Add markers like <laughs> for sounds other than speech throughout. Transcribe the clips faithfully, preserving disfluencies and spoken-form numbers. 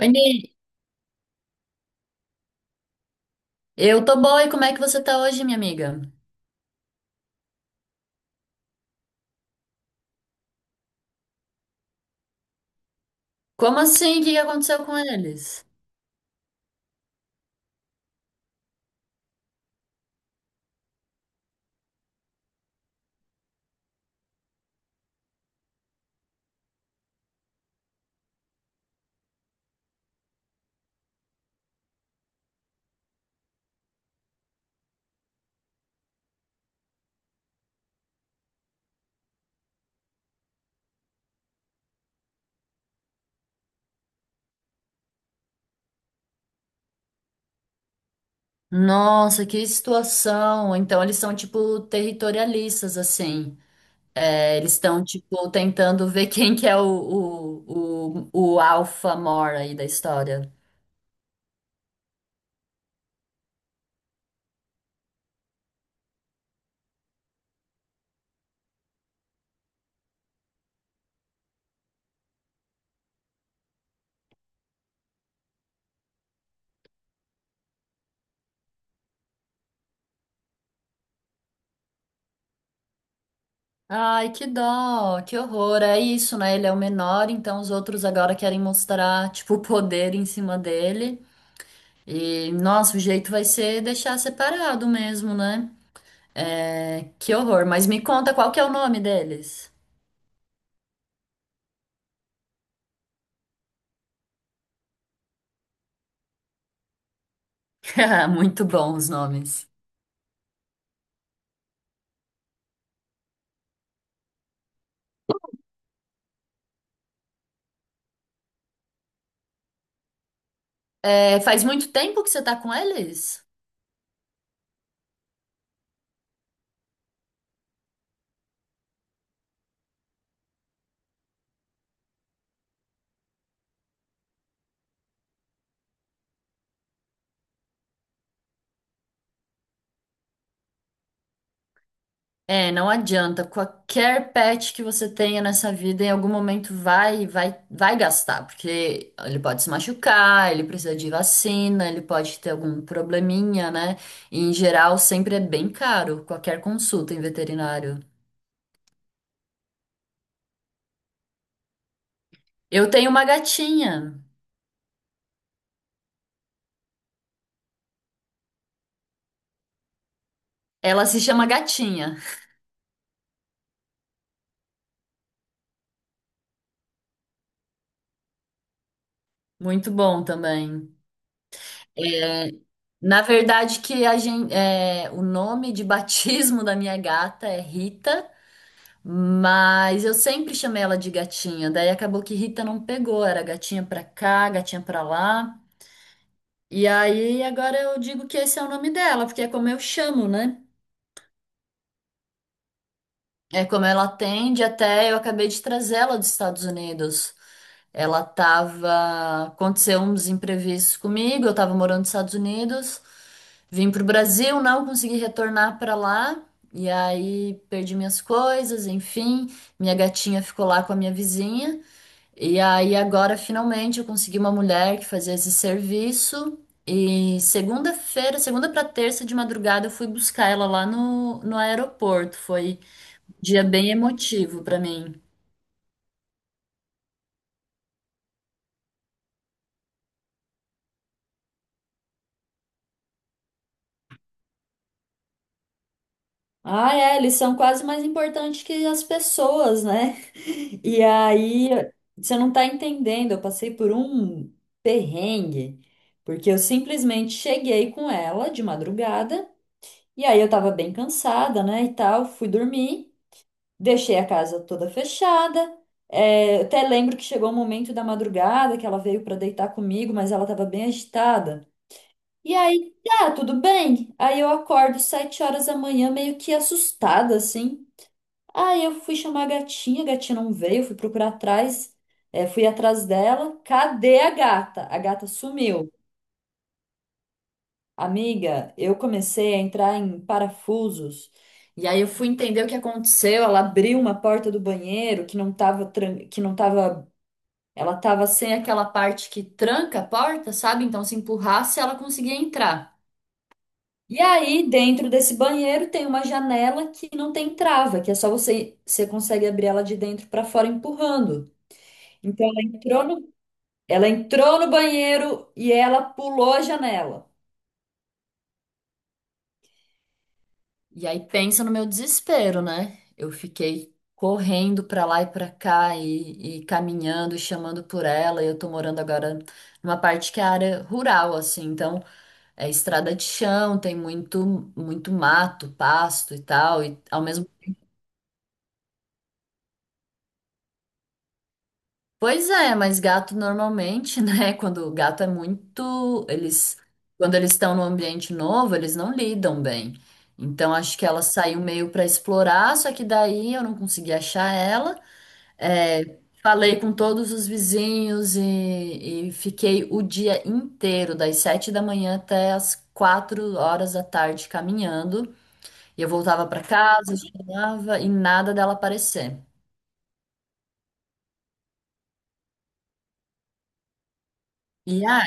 Oi, Ni. Eu tô boa e como é que você tá hoje, minha amiga? Como assim? O que que aconteceu com eles? Nossa, que situação! Então eles são tipo territorialistas, assim. É, eles estão tipo tentando ver <laughs> quem que é o, o, o, o alfa mor aí da história. Ai, que dó, que horror. É isso, né? Ele é o menor, então os outros agora querem mostrar, tipo, o poder em cima dele. E, nossa, o jeito vai ser deixar separado mesmo, né? É, que horror, mas me conta qual que é o nome deles. <laughs> Muito bom os nomes. É, faz muito tempo que você tá com eles? É, não adianta. Qualquer pet que você tenha nessa vida, em algum momento vai, vai, vai gastar, porque ele pode se machucar, ele precisa de vacina, ele pode ter algum probleminha, né? E, em geral, sempre é bem caro qualquer consulta em veterinário. Eu tenho uma gatinha. Ela se chama Gatinha. Muito bom também. Na verdade, que a gente, é, o nome de batismo <laughs> da minha gata é Rita, mas eu sempre chamei ela de gatinha. Daí acabou que Rita não pegou, era gatinha pra cá, gatinha pra lá. E aí agora eu digo que esse é o nome dela, porque é como eu chamo, né? É como ela atende, até eu acabei de trazê-la dos Estados Unidos. Ela tava. Aconteceu uns imprevistos comigo, eu tava morando nos Estados Unidos, vim pro Brasil, não consegui retornar pra lá, e aí perdi minhas coisas, enfim, minha gatinha ficou lá com a minha vizinha, e aí agora finalmente eu consegui uma mulher que fazia esse serviço, e segunda-feira, segunda pra terça de madrugada, eu fui buscar ela lá no, no aeroporto, foi um dia bem emotivo pra mim. Ah, é, eles são quase mais importantes que as pessoas, né? <laughs> E aí, você não tá entendendo, eu passei por um perrengue, porque eu simplesmente cheguei com ela de madrugada, e aí eu tava bem cansada, né, e tal, fui dormir, deixei a casa toda fechada, é, eu até lembro que chegou o momento da madrugada que ela veio pra deitar comigo, mas ela tava bem agitada. E aí, tá, tudo bem. Aí eu acordo sete horas da manhã, meio que assustada, assim. Aí eu fui chamar a gatinha, a gatinha não veio, fui procurar atrás, eh, fui atrás dela. Cadê a gata? A gata sumiu. Amiga, eu comecei a entrar em parafusos. E aí eu fui entender o que aconteceu. Ela abriu uma porta do banheiro que não tava, tran- que não tava, ela tava sem aquela parte que tranca a porta, sabe? Então se empurrasse, ela conseguia entrar. E aí, dentro desse banheiro tem uma janela que não tem trava, que é só você, você consegue abrir ela de dentro para fora empurrando. Então ela entrou no, Ela entrou no banheiro e ela pulou a janela. E aí pensa no meu desespero, né? Eu fiquei correndo pra lá e pra cá e, e caminhando, e chamando por ela. E eu tô morando agora numa parte que é área rural, assim, então é estrada de chão, tem muito muito mato, pasto e tal. E ao mesmo. Pois é, mas gato normalmente, <laughs> né? Quando o gato é muito, eles, quando eles estão num ambiente novo, eles não lidam bem. Então acho que ela saiu meio para explorar, só que daí eu não consegui achar ela. É, falei com todos os vizinhos e, e fiquei o dia inteiro, das sete da manhã até as quatro horas da tarde caminhando. E eu voltava para casa, chegava e nada dela aparecer. E ah,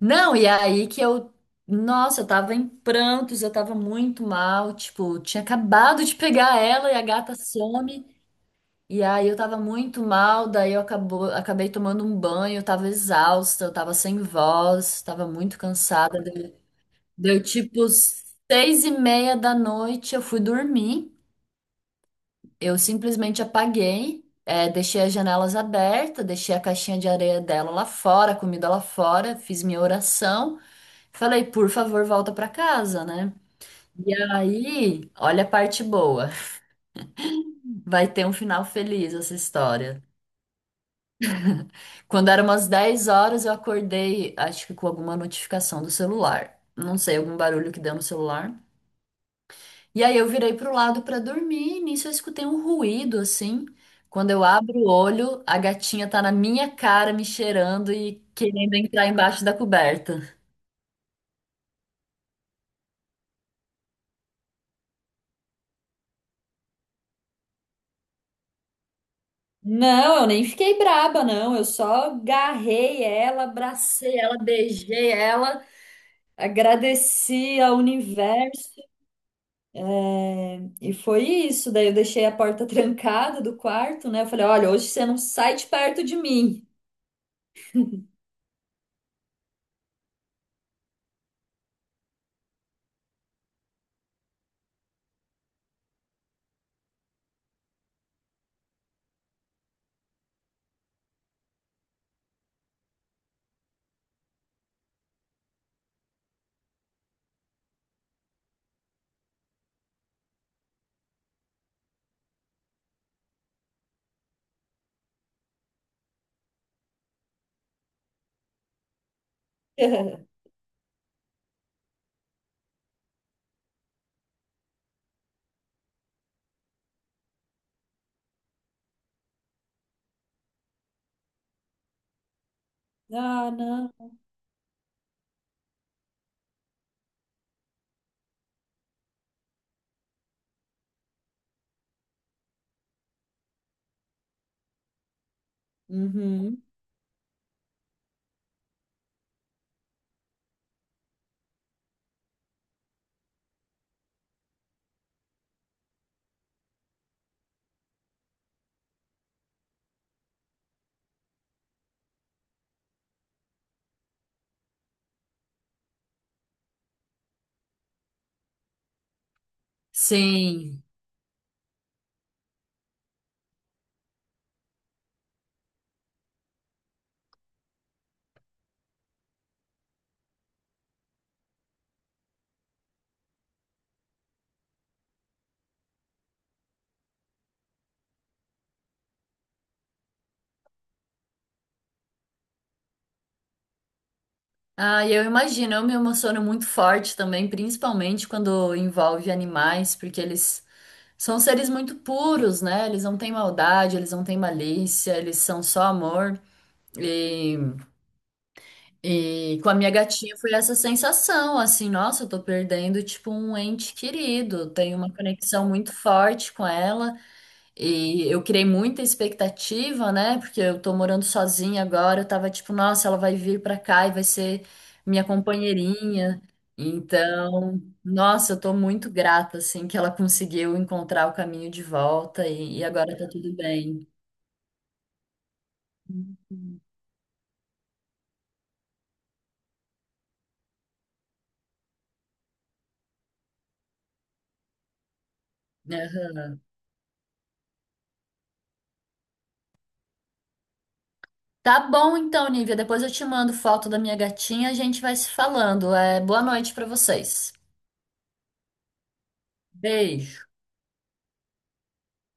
Não, e aí que eu. Nossa, eu tava em prantos, eu tava muito mal. Tipo, tinha acabado de pegar ela e a gata some. E aí eu tava muito mal, daí eu acabou, acabei tomando um banho, eu tava exausta, eu tava sem voz, tava muito cansada. Deu, deu tipo seis e meia da noite, eu fui dormir. Eu simplesmente apaguei, eh, deixei as janelas abertas, deixei a caixinha de areia dela lá fora, a comida lá fora, fiz minha oração. Falei, por favor, volta pra casa, né? E aí, olha a parte boa. Vai ter um final feliz essa história. Quando eram umas dez horas, eu acordei, acho que com alguma notificação do celular. Não sei, algum barulho que deu no celular. E aí eu virei pro lado pra dormir, e nisso eu escutei um ruído assim. Quando eu abro o olho, a gatinha tá na minha cara me cheirando e querendo entrar embaixo da coberta. Não, eu nem fiquei braba, não. Eu só agarrei ela, abracei ela, beijei ela, agradeci ao universo. É, e foi isso. Daí eu deixei a porta <laughs> trancada do quarto, né? Eu falei: olha, hoje você não sai de perto de mim. <laughs> Ah, não. Uhum. Sim. Ah, e eu imagino, eu me emociono muito forte também, principalmente quando envolve animais, porque eles são seres muito puros, né? Eles não têm maldade, eles não têm malícia, eles são só amor. E, e com a minha gatinha foi essa sensação, assim, nossa, eu tô perdendo, tipo, um ente querido. Tenho uma conexão muito forte com ela. E eu criei muita expectativa, né? Porque eu tô morando sozinha agora. Eu tava tipo, nossa, ela vai vir pra cá e vai ser minha companheirinha. Então, nossa, eu tô muito grata, assim, que ela conseguiu encontrar o caminho de volta e, e agora tá tudo bem. Aham. Tá bom então, Nívia. Depois eu te mando foto da minha gatinha, a gente vai se falando. É, boa noite pra vocês. Beijo.